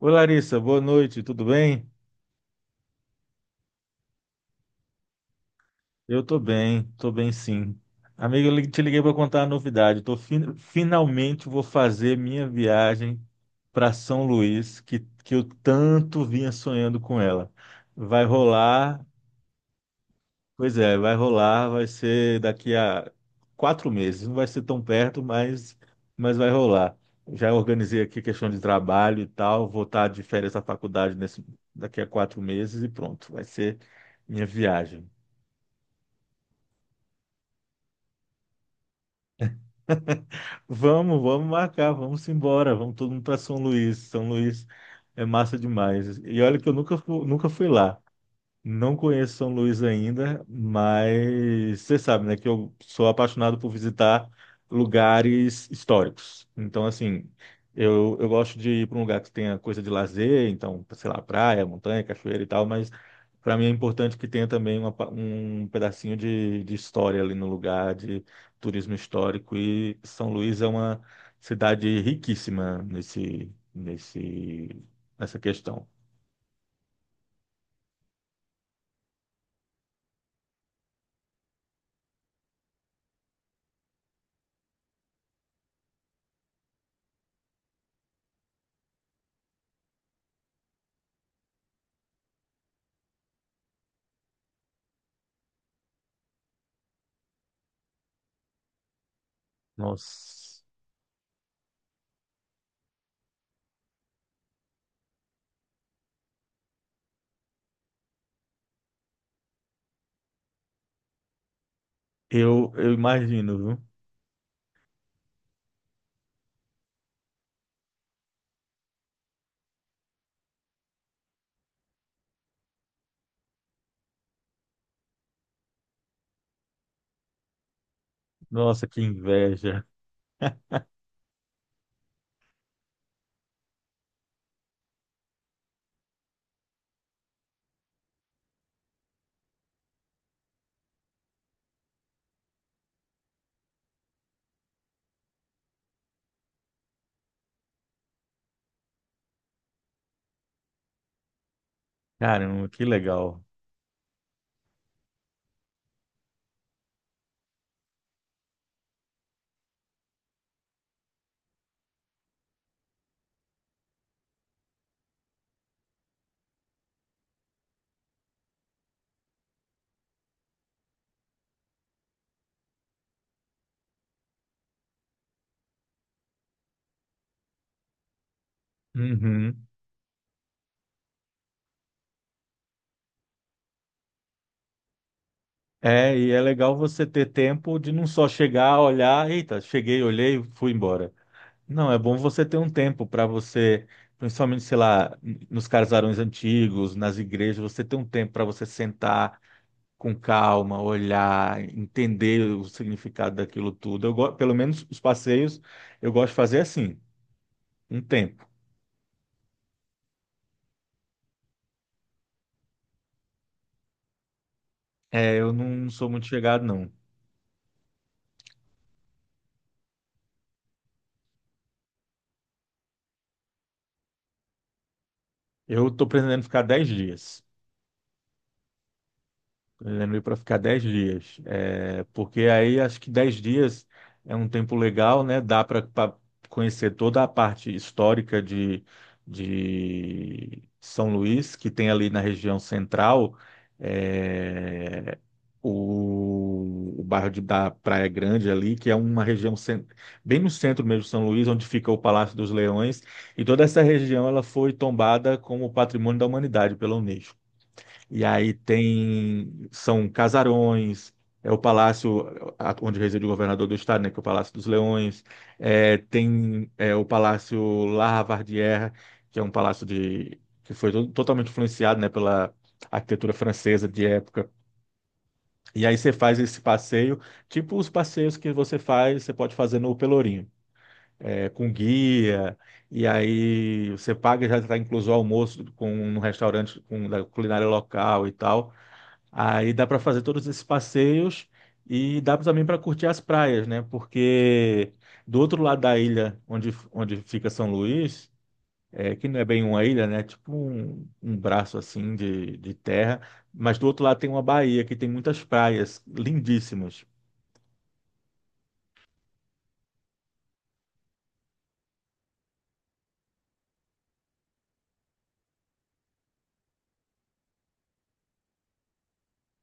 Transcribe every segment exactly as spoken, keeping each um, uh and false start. Oi, Larissa, boa noite, tudo bem? Eu tô bem, tô bem sim. Amigo, eu li- te liguei para contar a novidade. Tô fin- finalmente vou fazer minha viagem para São Luís, que, que eu tanto vinha sonhando com ela. Vai rolar, pois é, vai rolar, vai ser daqui a quatro meses. Não vai ser tão perto, mas, mas vai rolar. Já organizei aqui questão de trabalho e tal, vou estar de férias da faculdade nesse, daqui a quatro meses e pronto, vai ser minha viagem. Vamos, vamos marcar, vamos embora, vamos todo mundo para São Luís. São Luís é massa demais. E olha que eu nunca, fu- nunca fui lá. Não conheço São Luís ainda, mas você sabe, né, que eu sou apaixonado por visitar lugares históricos. Então, assim, eu, eu gosto de ir para um lugar que tenha coisa de lazer, então, sei lá, praia, montanha, cachoeira e tal, mas para mim é importante que tenha também uma pa- um pedacinho de, de história ali no lugar, de turismo histórico. E São Luís é uma cidade riquíssima nesse, nesse, nessa questão. Nossa. Eu, eu imagino, viu? Nossa, que inveja. Caramba, que legal. Uhum. É, e é legal você ter tempo de não só chegar, olhar, eita, cheguei, olhei, fui embora. Não, é bom você ter um tempo para você, principalmente, sei lá, nos casarões antigos, nas igrejas, você ter um tempo para você sentar com calma, olhar, entender o significado daquilo tudo. Eu, go- pelo menos os passeios, eu gosto de fazer assim, um tempo. É, eu não sou muito chegado, não. Eu estou pretendendo ficar dez dias. Pretendendo ir para ficar dez dias. É, porque aí acho que dez dias é um tempo legal, né? Dá para conhecer toda a parte histórica de, de São Luís, que tem ali na região central, é, o, o bairro de- da Praia Grande ali, que é uma região cen- bem no centro mesmo de São Luís, onde fica o Palácio dos Leões. E toda essa região ela foi tombada como patrimônio da humanidade pela Unesco. E aí tem, são casarões, é o palácio a- onde reside o governador do estado, né, que é o Palácio dos Leões, é, tem é, o Palácio La Lavardière, que é um palácio de, que foi to- totalmente influenciado, né, pela arquitetura francesa de época. E aí você faz esse passeio, tipo os passeios que você faz, você pode fazer no Pelourinho, é, com guia, e aí você paga, já está incluso o almoço com, no restaurante com, da culinária local e tal. Aí dá para fazer todos esses passeios e dá também para curtir as praias, né? Porque do outro lado da ilha, onde, onde fica São Luís, é, que não é bem uma ilha, né? É tipo um, um braço assim de, de terra, mas do outro lado tem uma baía que tem muitas praias lindíssimas.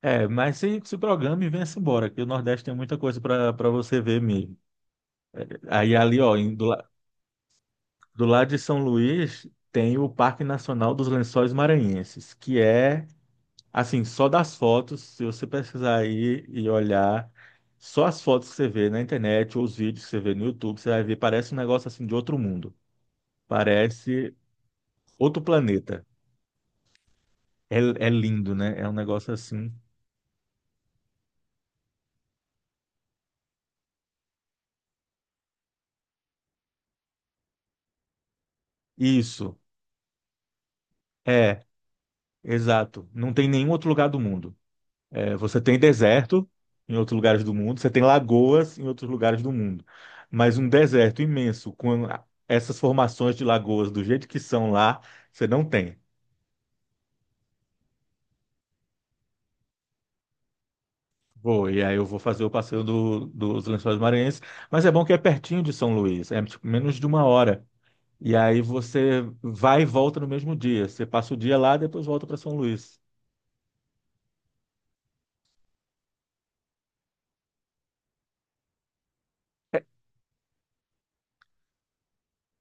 É, mas se, se programa e venha-se embora, que o Nordeste tem muita coisa para para você ver mesmo. Aí ali, ó, em- do, la- do lado de São Luís, tem o Parque Nacional dos Lençóis Maranhenses, que é assim, só das fotos, se você pesquisar aí e olhar, só as fotos que você vê na internet ou os vídeos que você vê no YouTube, você vai ver, parece um negócio assim de outro mundo. Parece outro planeta. É, é lindo, né? É um negócio assim. Isso, é, exato. Não tem nenhum outro lugar do mundo. É, você tem deserto em outros lugares do mundo, você tem lagoas em outros lugares do mundo. Mas um deserto imenso, com essas formações de lagoas do jeito que são lá, você não tem. Vou, e aí eu vou fazer o passeio do- dos Lençóis Maranhenses, mas é bom que é pertinho de São Luís, é tipo, menos de uma hora. E aí você vai e volta no mesmo dia. Você passa o dia lá, depois volta para São Luís.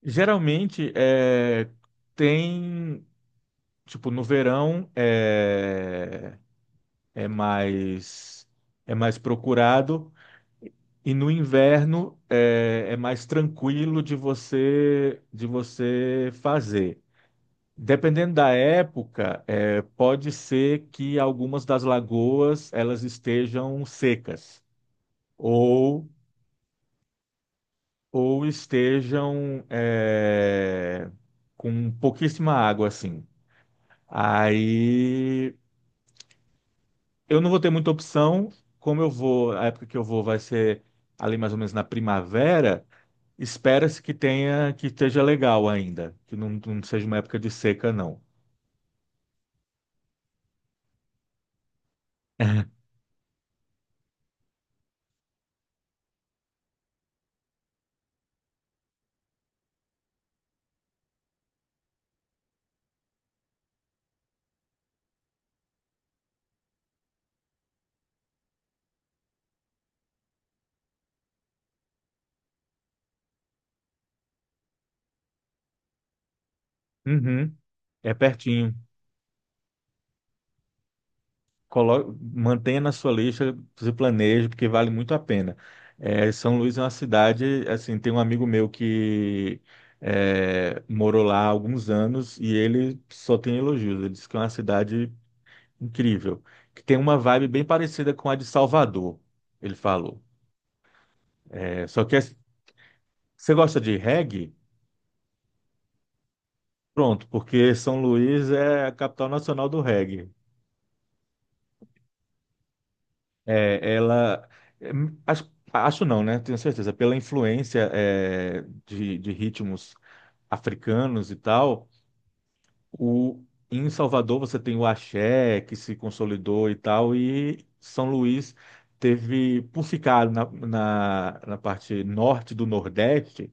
Geralmente é, tem, tipo, no verão é, é mais é mais procurado e no inverno é, é mais tranquilo de você de você fazer. Dependendo da época, eh, pode ser que algumas das lagoas elas estejam secas ou, ou estejam eh, com pouquíssima água, assim. Aí eu não vou ter muita opção, como eu vou, a época que eu vou vai ser ali mais ou menos na primavera. Espera-se que tenha, que esteja legal ainda, que não, não seja uma época de seca, não. Uhum, é pertinho. colo... mantenha na sua lista, se planeje, porque vale muito a pena. É, São Luís é uma cidade, assim, tem um amigo meu que é, morou lá há alguns anos e ele só tem elogios. Ele disse que é uma cidade incrível, que tem uma vibe bem parecida com a de Salvador, ele falou. É, só que é- você gosta de reggae? Pronto, porque São Luís é a capital nacional do reggae. É, ela. É, acho, acho não, né? Tenho certeza. Pela influência, é, de, de ritmos africanos e tal, o, em Salvador você tem o axé, que se consolidou e tal, e São Luís teve, por ficar na, na, na, parte norte do Nordeste,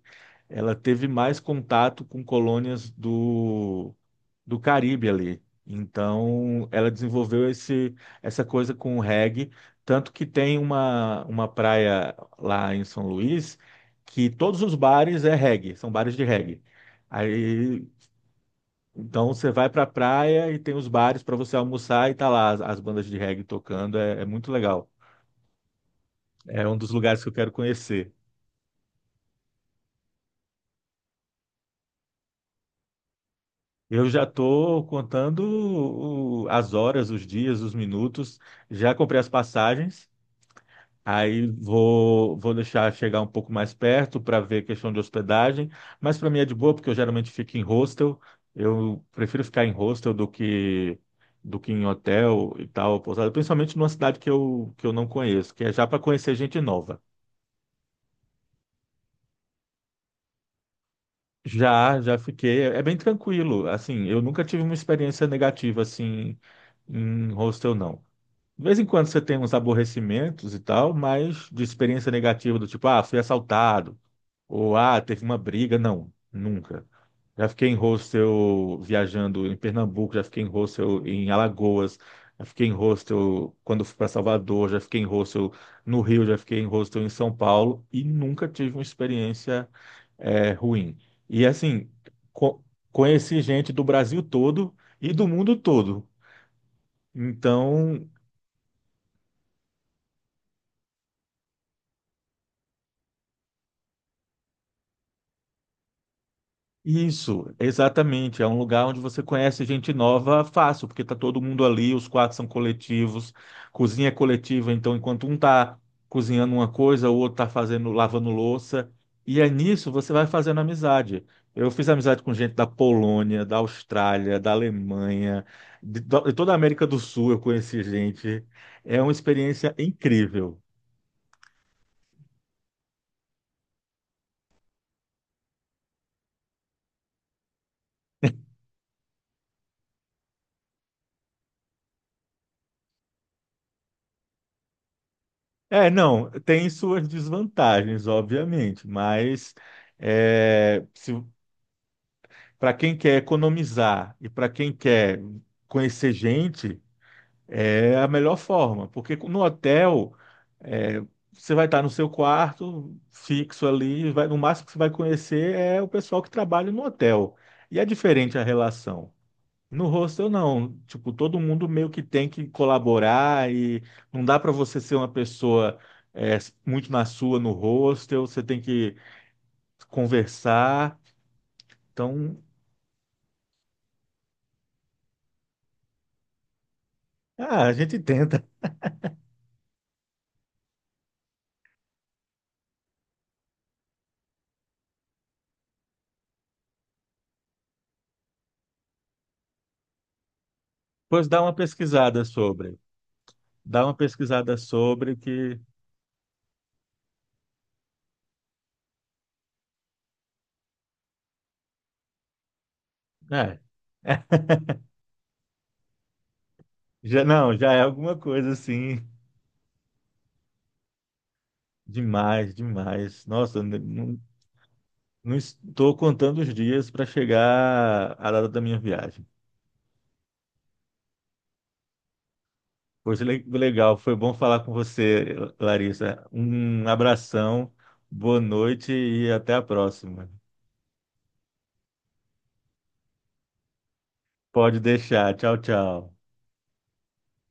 ela teve mais contato com colônias do Caribe ali. Então, ela desenvolveu esse, essa coisa com o reggae, tanto que tem uma, uma praia lá em São Luís que todos os bares é reggae, são bares de reggae. Aí, então você vai para a praia e tem os bares para você almoçar e tá lá as, as bandas de reggae tocando, é, é muito legal. É um dos lugares que eu quero conhecer. Eu já estou contando o- as horas, os dias, os minutos. Já comprei as passagens. Aí vou, vou deixar chegar um pouco mais perto para ver questão de hospedagem, mas para mim é de boa porque eu geralmente fico em hostel. Eu prefiro ficar em hostel do que do que em hotel e tal, pousada, principalmente numa cidade que eu, que eu não conheço, que é já para conhecer gente nova. Já, já fiquei, é é bem tranquilo. Assim, eu nunca tive uma experiência negativa assim em hostel, não. De vez em quando você tem uns aborrecimentos e tal, mas de experiência negativa do tipo, ah, fui assaltado. Ou, ah, teve uma briga. Não, nunca. Já fiquei em hostel viajando em Pernambuco, já fiquei em hostel em Alagoas, já fiquei em hostel quando fui para Salvador, já fiquei em hostel no Rio, já fiquei em hostel em São Paulo e nunca tive uma experiência eh, ruim. E assim, co- conheci gente do Brasil todo e do mundo todo. Então, isso, exatamente. É um lugar onde você conhece gente nova fácil, porque tá todo mundo ali, os quartos são coletivos, cozinha é coletiva, então enquanto um tá cozinhando uma coisa, o outro tá fazendo, lavando louça, e é nisso você vai fazendo amizade. Eu fiz amizade com gente da Polônia, da Austrália, da Alemanha, de, de toda a América do Sul eu conheci gente. É uma experiência incrível. É, não, tem suas desvantagens, obviamente, mas é, se, para quem quer economizar e para quem quer conhecer gente, é a melhor forma, porque no hotel é, você vai estar no seu quarto fixo ali, vai- no máximo que você vai conhecer é o pessoal que trabalha no hotel. E é diferente a relação. No hostel, não. Tipo, todo mundo meio que tem que colaborar e não dá para você ser uma pessoa é, muito na sua no hostel, você tem que conversar. Então, ah, a gente tenta. Pois dá uma pesquisada sobre. Dá uma pesquisada sobre que. É. É. Já, não, já é alguma coisa assim. Demais, demais. Nossa, n- não, não estou contando os dias para chegar à data da minha viagem. Pois le- legal, foi bom falar com você, Larissa. Um abração, boa noite e até a próxima. Pode deixar. Tchau, tchau.